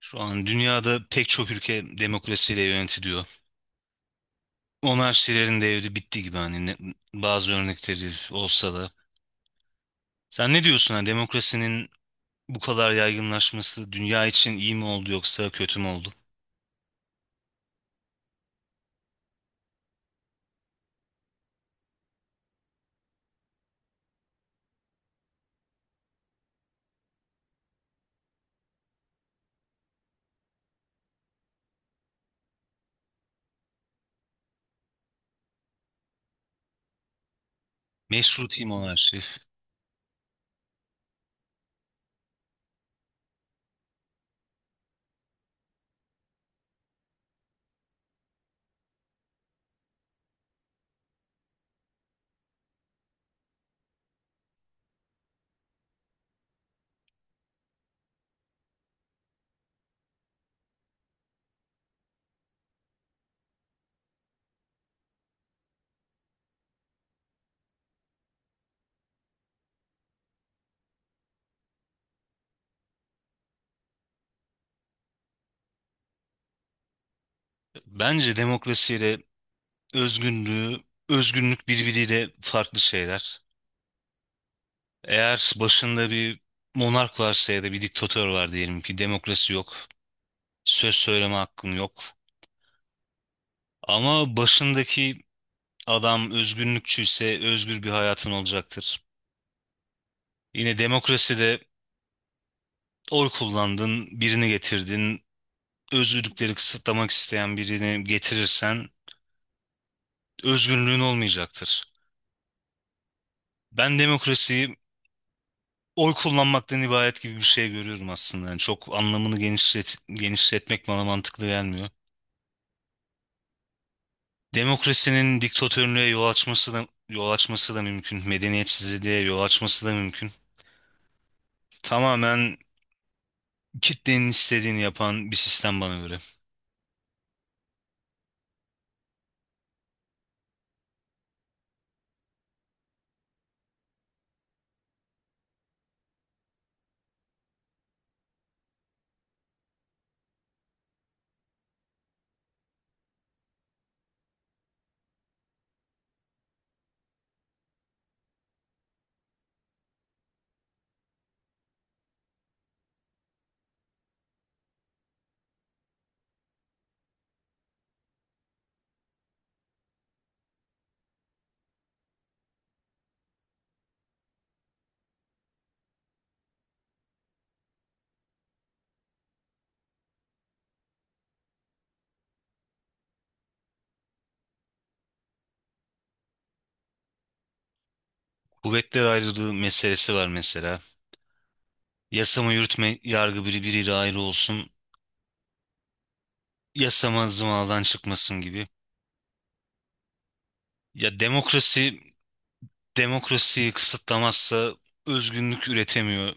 Şu an dünyada pek çok ülke demokrasiyle yönetiliyor. Monarşilerin devri bitti gibi hani bazı örnekleri olsa da. Sen ne diyorsun hani demokrasinin bu kadar yaygınlaşması dünya için iyi mi oldu yoksa kötü mü oldu? Meşruti monarşi. Bence demokrasiyle özgünlüğü, özgünlük birbiriyle farklı şeyler. Eğer başında bir monark varsa ya da bir diktatör var diyelim ki demokrasi yok, söz söyleme hakkın yok. Ama başındaki adam özgürlükçüyse özgür bir hayatın olacaktır. Yine demokraside oy kullandın, birini getirdin. Özgürlükleri kısıtlamak isteyen birini getirirsen özgürlüğün olmayacaktır. Ben demokrasiyi oy kullanmaktan ibaret gibi bir şey görüyorum aslında. Yani çok anlamını genişlet, genişletmek bana mantıklı gelmiyor. Demokrasinin diktatörlüğe yol açması da mümkün. Medeniyetsizliğe yol açması da mümkün. Tamamen kitlenin istediğini yapan bir sistem bana göre. Kuvvetler ayrılığı meselesi var mesela. Yasama yürütme yargı biri biriyle ayrı olsun. Yasama zımaldan çıkmasın gibi. Ya demokrasi demokrasiyi kısıtlamazsa özgünlük üretemiyor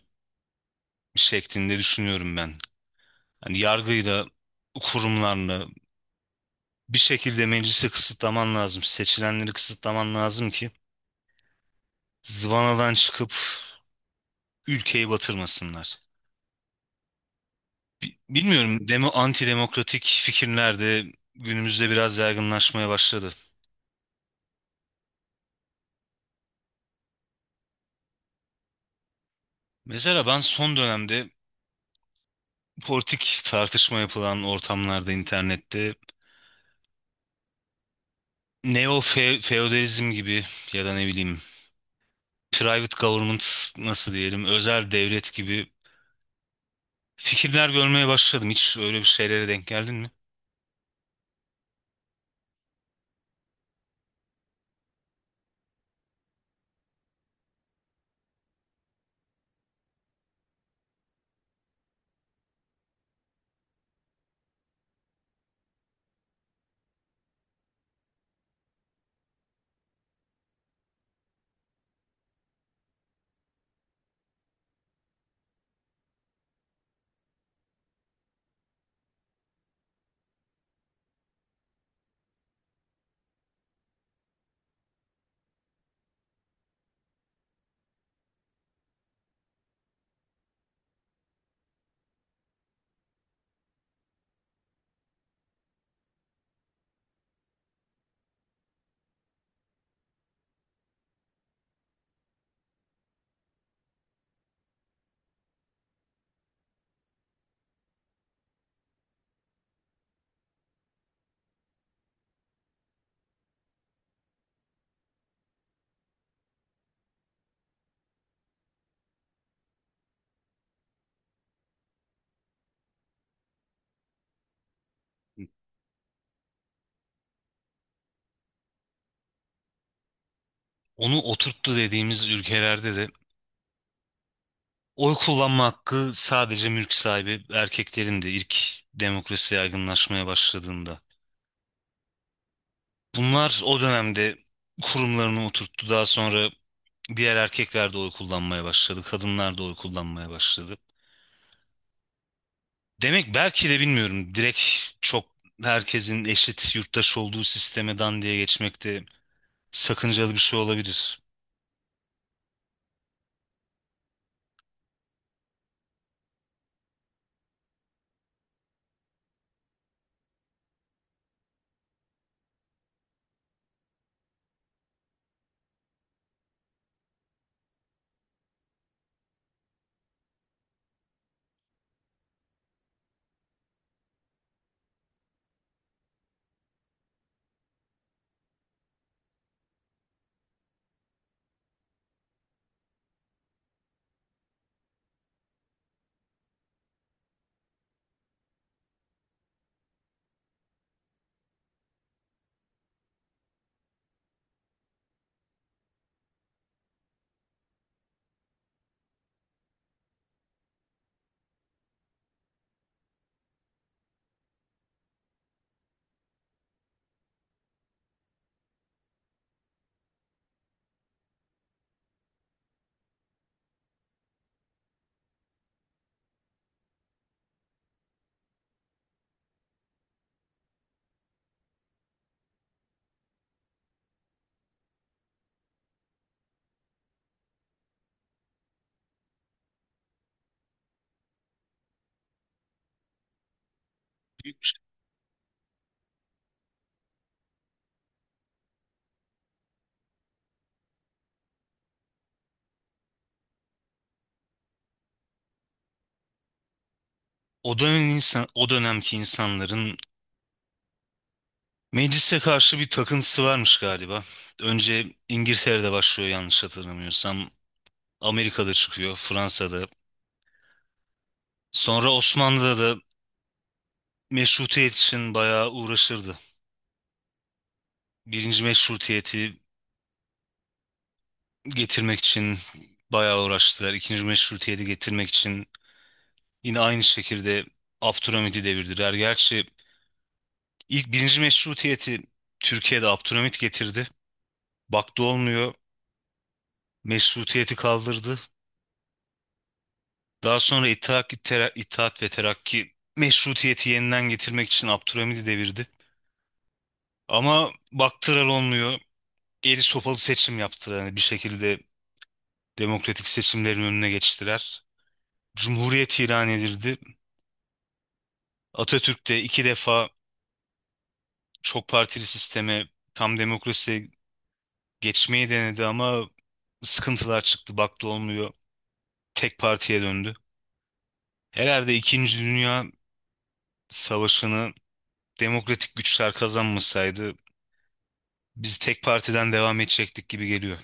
şeklinde düşünüyorum ben. Hani yargıyla kurumlarla bir şekilde meclisi kısıtlaman lazım. Seçilenleri kısıtlaman lazım ki zıvanadan çıkıp ülkeyi batırmasınlar. Bilmiyorum, anti demokratik fikirler de günümüzde biraz yaygınlaşmaya başladı. Mesela ben son dönemde politik tartışma yapılan ortamlarda internette feodalizm gibi ya da ne bileyim private government nasıl diyelim özel devlet gibi fikirler görmeye başladım. Hiç öyle bir şeylere denk geldin mi? Onu oturttu dediğimiz ülkelerde de oy kullanma hakkı sadece mülk sahibi erkeklerin de ilk demokrasi yaygınlaşmaya başladığında. Bunlar o dönemde kurumlarını oturttu. Daha sonra diğer erkekler de oy kullanmaya başladı. Kadınlar da oy kullanmaya başladı. Demek belki de bilmiyorum. Direkt çok herkesin eşit yurttaş olduğu sisteme dan diye geçmek de sakıncalı bir şey olabilir. O dönem insan, o dönemki insanların meclise karşı bir takıntısı varmış galiba. Önce İngiltere'de başlıyor yanlış hatırlamıyorsam. Amerika'da çıkıyor, Fransa'da. Sonra Osmanlı'da da meşrutiyet için bayağı uğraşırdı. Birinci meşrutiyeti getirmek için bayağı uğraştılar. İkinci Meşrutiyet'i getirmek için yine aynı şekilde Abdülhamit'i devirdiler. Gerçi ilk birinci Meşrutiyet'i Türkiye'de Abdülhamit getirdi. Baktı olmuyor. Meşrutiyet'i kaldırdı. Daha sonra İttihat ve Terakki Meşrutiyet'i yeniden getirmek için Abdülhamit'i devirdi. Ama baktılar olmuyor. Eli sopalı seçim yaptılar. Yani bir şekilde demokratik seçimlerin önüne geçtiler. Cumhuriyet ilan edildi. Atatürk de iki defa çok partili sisteme, tam demokrasiye geçmeyi denedi ama sıkıntılar çıktı. Baktı olmuyor. Tek partiye döndü. Herhalde İkinci Dünya Savaşı'nı demokratik güçler kazanmasaydı biz tek partiden devam edecektik gibi geliyor.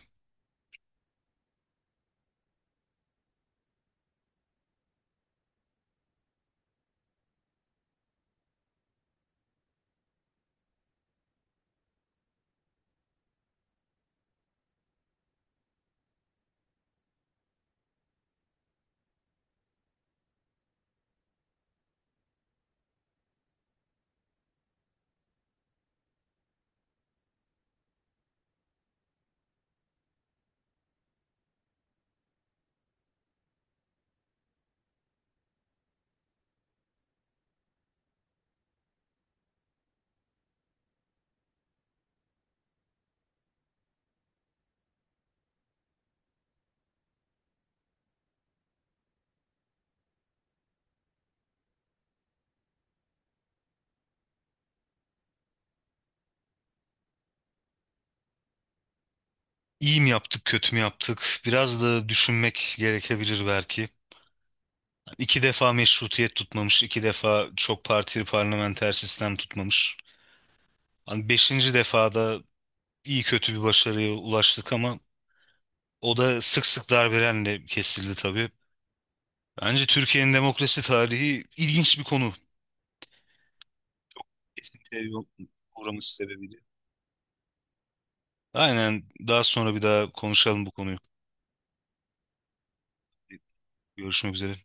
İyi mi yaptık, kötü mü yaptık? Biraz da düşünmek gerekebilir belki. İki defa meşrutiyet tutmamış, iki defa çok partili parlamenter sistem tutmamış. Hani beşinci defada iyi kötü bir başarıya ulaştık ama o da sık sık darbelerle kesildi tabii. Bence Türkiye'nin demokrasi tarihi ilginç bir konu. Çok kesintiye uğraması sebebiyle. Aynen daha sonra bir daha konuşalım bu konuyu. Görüşmek üzere.